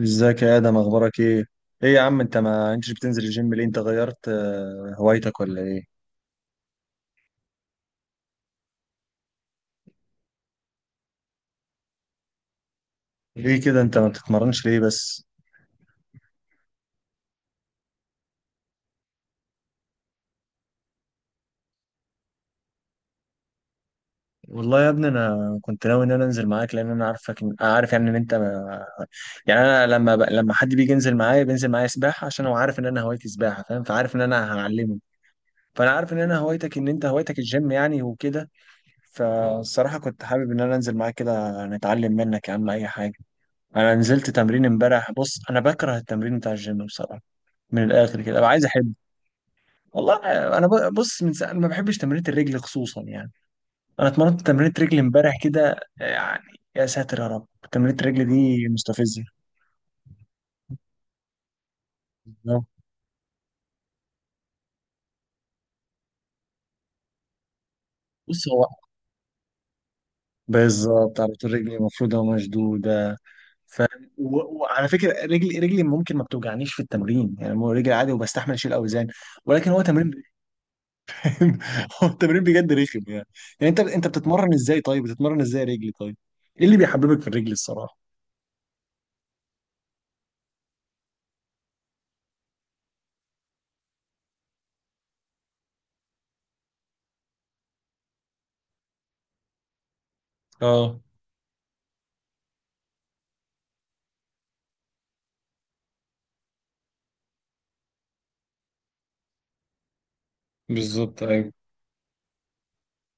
ازيك يا ادم، اخبارك ايه؟ ايه يا عم، انت ما انتش بتنزل الجيم ليه؟ انت غيرت هوايتك ولا ايه؟ ليه كده انت ما بتتمرنش ليه بس؟ والله يا ابني، انا كنت ناوي ان انا انزل معاك، لان انا عارفك، عارف يعني ان انت ما... يعني انا لما حد بيجي ينزل معايا بينزل معايا سباحه، عشان هو عارف ان انا هوايتي سباحه، فاهم، فعارف ان انا هعلمه. فانا عارف ان انا هوايتك ان انت هوايتك الجيم يعني، وكده. فالصراحه كنت حابب ان انا انزل معاك كده نتعلم منك يا عم اي حاجه. انا نزلت تمرين امبارح، بص انا بكره التمرين بتاع الجيم بصراحه. من الاخر كده ابقى عايز احب. والله انا بص، من ساعة ما بحبش تمرينة الرجل خصوصا يعني. انا اتمرنت تمرينة رجل امبارح كده يعني. يا ساتر يا رب، تمرينة الرجل دي مستفزة. بص هو بالظبط على طول رجلي مفروضة ومشدودة. ف... وعلى فكرة، رجلي ممكن ما بتوجعنيش في التمرين يعني، مو رجلي عادي وبستحمل اشيل اوزان. ولكن هو تمرين هو التمرين بجد رخم يعني. يعني انت بتتمرن ازاي طيب؟ بتتمرن ازاي رجلي طيب؟ ايه اللي بيحببك في الرجل الصراحة؟ اه بالظبط ايوه.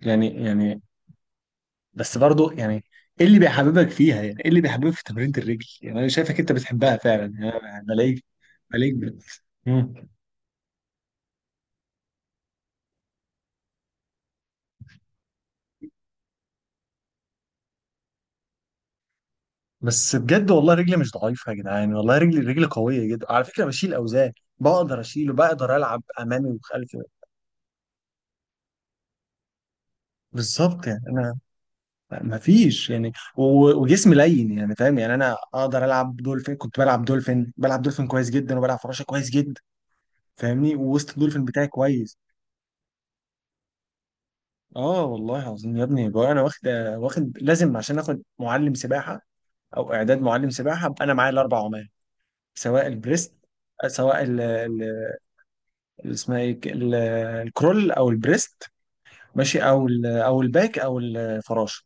يعني بس برضو يعني، ايه اللي بيحببك فيها؟ يعني ايه اللي بيحببك في تمرينة الرجل؟ يعني انا شايفك انت بتحبها فعلا، يعني بلاقيك. بس بجد والله رجلي مش ضعيفة يا جدعان. والله رجلي قوية جدا على فكرة، بشيل أوزان. بقدر أشيله، بقدر ألعب أمامي وخلفي. بالظبط يعني أنا ما فيش يعني، وجسمي لين يعني، فاهم، يعني أنا أقدر ألعب دولفين. كنت بلعب دولفين بلعب دولفين كويس جدا، وبلعب فراشة كويس جدا. فاهمني، ووسط الدولفين بتاعي كويس. اه والله العظيم يا ابني، بقى انا واخد لازم، عشان اخد معلم سباحه او اعداد معلم سباحه، ابقى انا معايا الاربع عمال. سواء البريست، سواء اسمها ايه، الكرول، او البريست، ماشي، او ال او الباك، او الفراشه.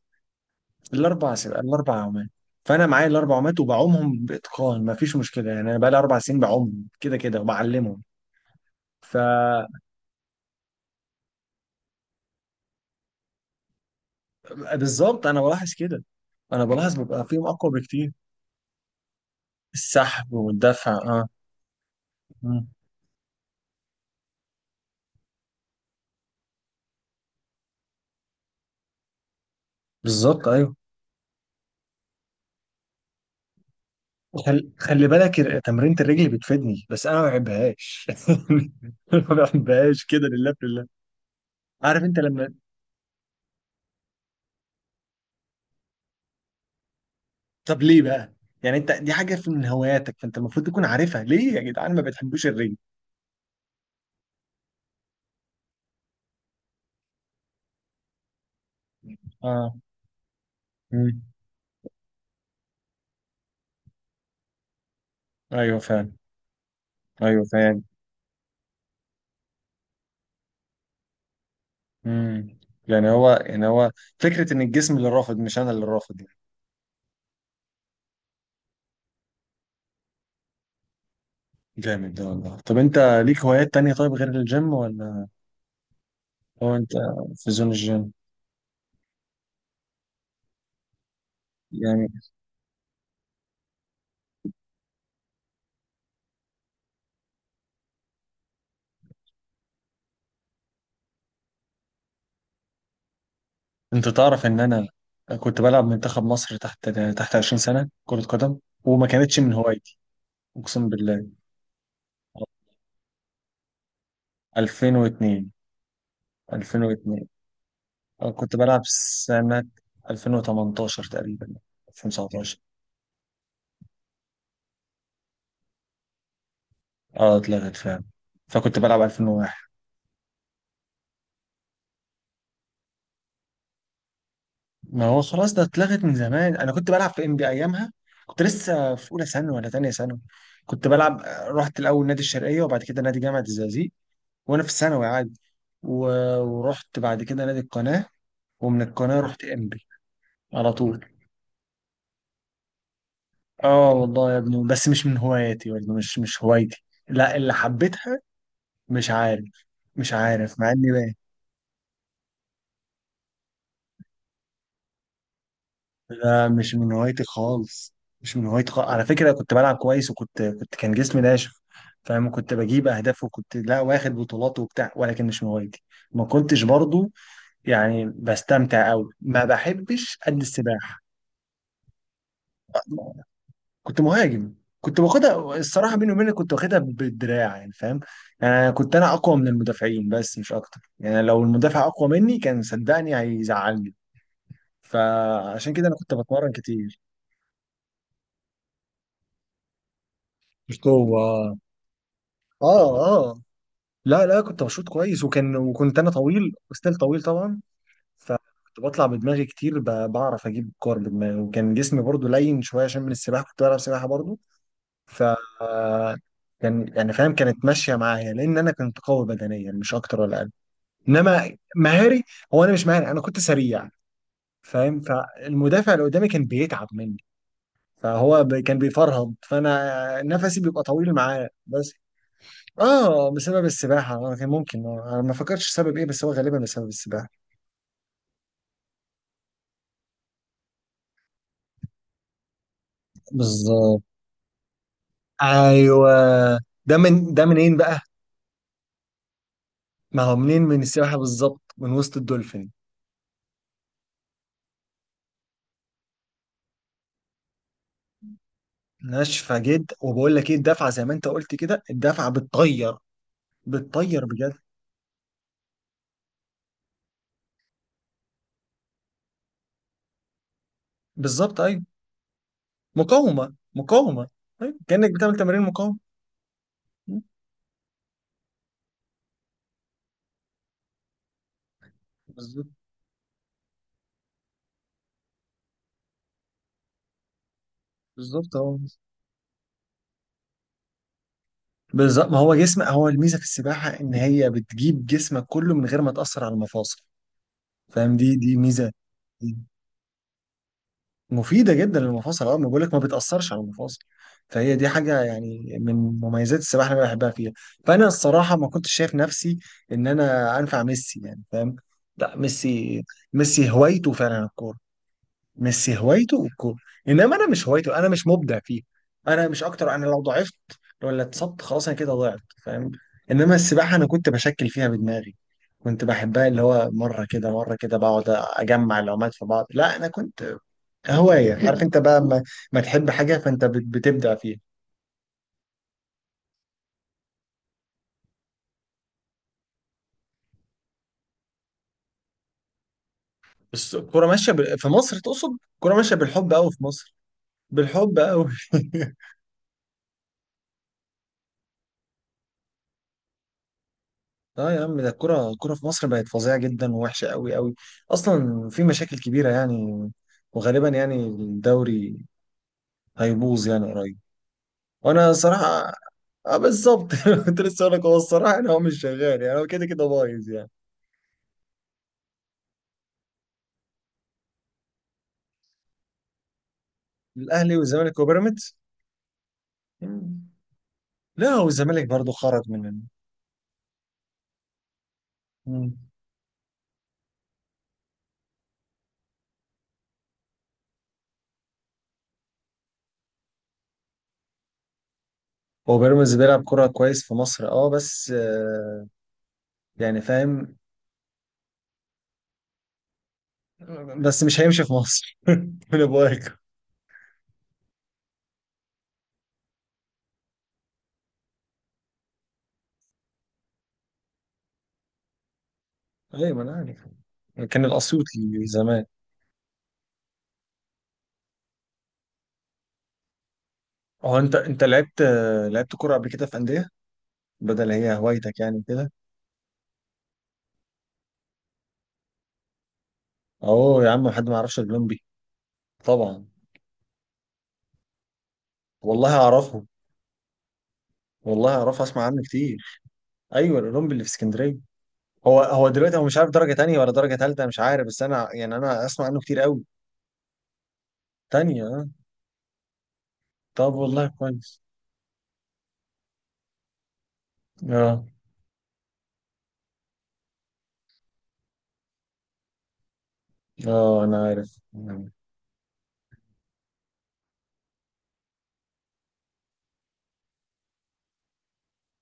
الاربع سباق، الاربع عمال. فانا معايا الاربع عمال وبعومهم باتقان، مفيش مشكله يعني. انا بقى لي 4 سنين بعومهم كده كده وبعلمهم. فبالظبط انا بلاحظ كده، انا بلاحظ ببقى فيهم اقوى بكتير. السحب والدفع اه، بالظبط ايوه. خلي بالك تمرينة الرجل بتفيدني، بس انا ما بحبهاش ما بحبهاش كده لله في الله. عارف انت لما، طب ليه بقى؟ يعني انت دي حاجه من هواياتك، فانت المفروض تكون عارفها. ليه يا جدعان ما بتحبوش الرجل؟ اه. مم. ايوه فعلا. ايوه فعلا. مم. يعني هو فكره ان الجسم اللي رافض، مش انا اللي رافض يعني. جامد ده والله. طب انت ليك هوايات تانية طيب غير الجيم ولا؟ هو انت في زون الجيم يعني. انت تعرف ان انا كنت بلعب منتخب مصر تحت 20 سنة كرة قدم، وما كانتش من هوايتي. اقسم بالله. 2002، 2002. كنت بلعب سنة 2018 تقريبا، 2019. اه اتلغت فعلا، فكنت بلعب 2001. ما هو خلاص ده اتلغت من زمان، انا كنت بلعب في ام بي ايامها. كنت لسه في اولى ثانوي ولا ثانيه ثانوي. كنت بلعب رحت الاول نادي الشرقيه وبعد كده نادي جامعه الزقازيق، وانا في الثانوي عادي. و... ورحت بعد كده نادي القناه، ومن القناة رحت إمبي على طول. اه والله يا ابني، بس مش من هواياتي برضه، مش هوايتي. لا، اللي حبيتها مش عارف. مش عارف، مع اني باين. لا مش من هوايتي خالص. مش من هوايتي خالص على فكرة. كنت بلعب كويس، وكنت كان جسمي ناشف، فاهم، كنت بجيب اهداف، وكنت لا واخد بطولات وبتاع، ولكن مش من هوايتي. ما كنتش برضو يعني بستمتع قوي، ما بحبش قد السباحة. كنت مهاجم. كنت باخدها الصراحه بيني وبينك، كنت واخدها بالدراع يعني فاهم. يعني كنت انا اقوى من المدافعين، بس مش اكتر يعني. لو المدافع اقوى مني كان صدقني هيزعلني. فعشان كده انا كنت بتمرن كتير. مش قوة، اه، اه، لا كنت بشوط كويس، وكان انا طويل، وستيل طويل طبعا. فكنت بطلع بدماغي كتير، بعرف اجيب كور بدماغي، وكان جسمي برضو لين شويه عشان من السباحه، كنت بلعب سباحه برضو. ف كان يعني فاهم كانت ماشيه معايا، لان انا كنت قوي بدنيا، مش اكتر ولا اقل. انما مهاري، هو انا مش مهاري، انا كنت سريع، فاهم. فالمدافع اللي قدامي كان بيتعب مني. كان بيفرهد، فانا نفسي بيبقى طويل معاه بس. اه بسبب السباحه. انا كان ممكن انا ما فكرتش سبب ايه، بس هو غالبا بسبب السباحه. بالظبط ايوه. ده منين بقى؟ ما هو منين، من السباحه بالظبط، من وسط الدولفين. ناشفه جدا، وبقول لك ايه الدفعه زي ما انت قلت كده، الدفعه بتطير. بتطير بجد. بالظبط ايوه. مقاومه. ايوه كانك بتعمل تمارين مقاومه. مم. بالظبط بالظبط اهو. بالظبط، ما هو جسم، هو الميزه في السباحه ان هي بتجيب جسمك كله من غير ما تاثر على المفاصل. فاهم، دي ميزه. مفيدة جدا للمفاصل، اه ما بقولك ما بتأثرش على المفاصل. فهي دي حاجة يعني من مميزات السباحة اللي أنا بحبها فيها. فأنا الصراحة ما كنتش شايف نفسي إن أنا أنفع ميسي يعني، فاهم. لا ميسي، ميسي هوايته فعلا الكورة. ميسي هوايته الكورة. إنما أنا مش هوايته، أنا مش مبدع فيه. أنا مش أكتر. أنا لو ضعفت ولا اتصبت خلاص، أنا كده ضعت فاهم. إنما السباحة أنا كنت بشكل فيها بدماغي. كنت بحبها، اللي هو مرة كده مرة كده بقعد أجمع العومات في بعض. لا أنا كنت هواية عارف انت بقى، ما, ما تحب حاجة فانت بتبدع فيها. بس الكورة ماشية في مصر، تقصد الكورة ماشية بالحب قوي في مصر. بالحب قوي اه يا عم، ده الكورة في مصر بقت فظيعة جدا، ووحشة قوي قوي. اصلا في مشاكل كبيرة يعني. وغالبا يعني الدوري هيبوظ يعني قريب. وانا صراحة اه بالظبط كنت لسه هقول لك، هو الصراحة انا، هو مش شغال يعني، هو كده كده بايظ يعني. الاهلي والزمالك وبيراميدز. مم. لا والزمالك برضو خرج من. مم. هو بيراميدز بيلعب كرة كويس في مصر اه، بس يعني فاهم. بس مش هيمشي في مصر من ابوك. ايوه ما انا عارف. كان الاسيوطي زمان. هو انت انت لعبت، لعبت كرة قبل كده في أندية، بدل هي هوايتك يعني كده. اهو يا عم، حد ما يعرفش الأولمبي، طبعا. والله اعرفه، والله اعرفه، اسمع عنه كتير. ايوه الأولمبي اللي في اسكندرية. هو دلوقتي هو مش عارف درجة تانية ولا درجة تالتة، مش عارف، بس انا يعني انا اسمع عنه كتير قوي. تانية اه. طب والله كويس. اه اه انا عارف.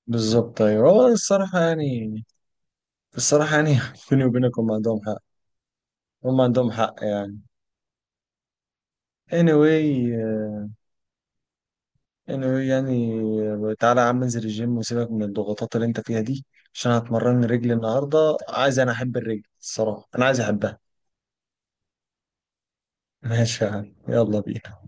بالظبط ايوه، هو الصراحه يعني. الصراحه يعني بيني وبينك هم عندهم حق. هم عندهم حق يعني. anyway anyway يعني تعالى يا عم انزل الجيم وسيبك من الضغوطات اللي انت فيها دي. عشان هتمرن رجلي النهارده، عايز انا احب الرجل الصراحه، انا عايز احبها. ماشي يا عم يلا بينا.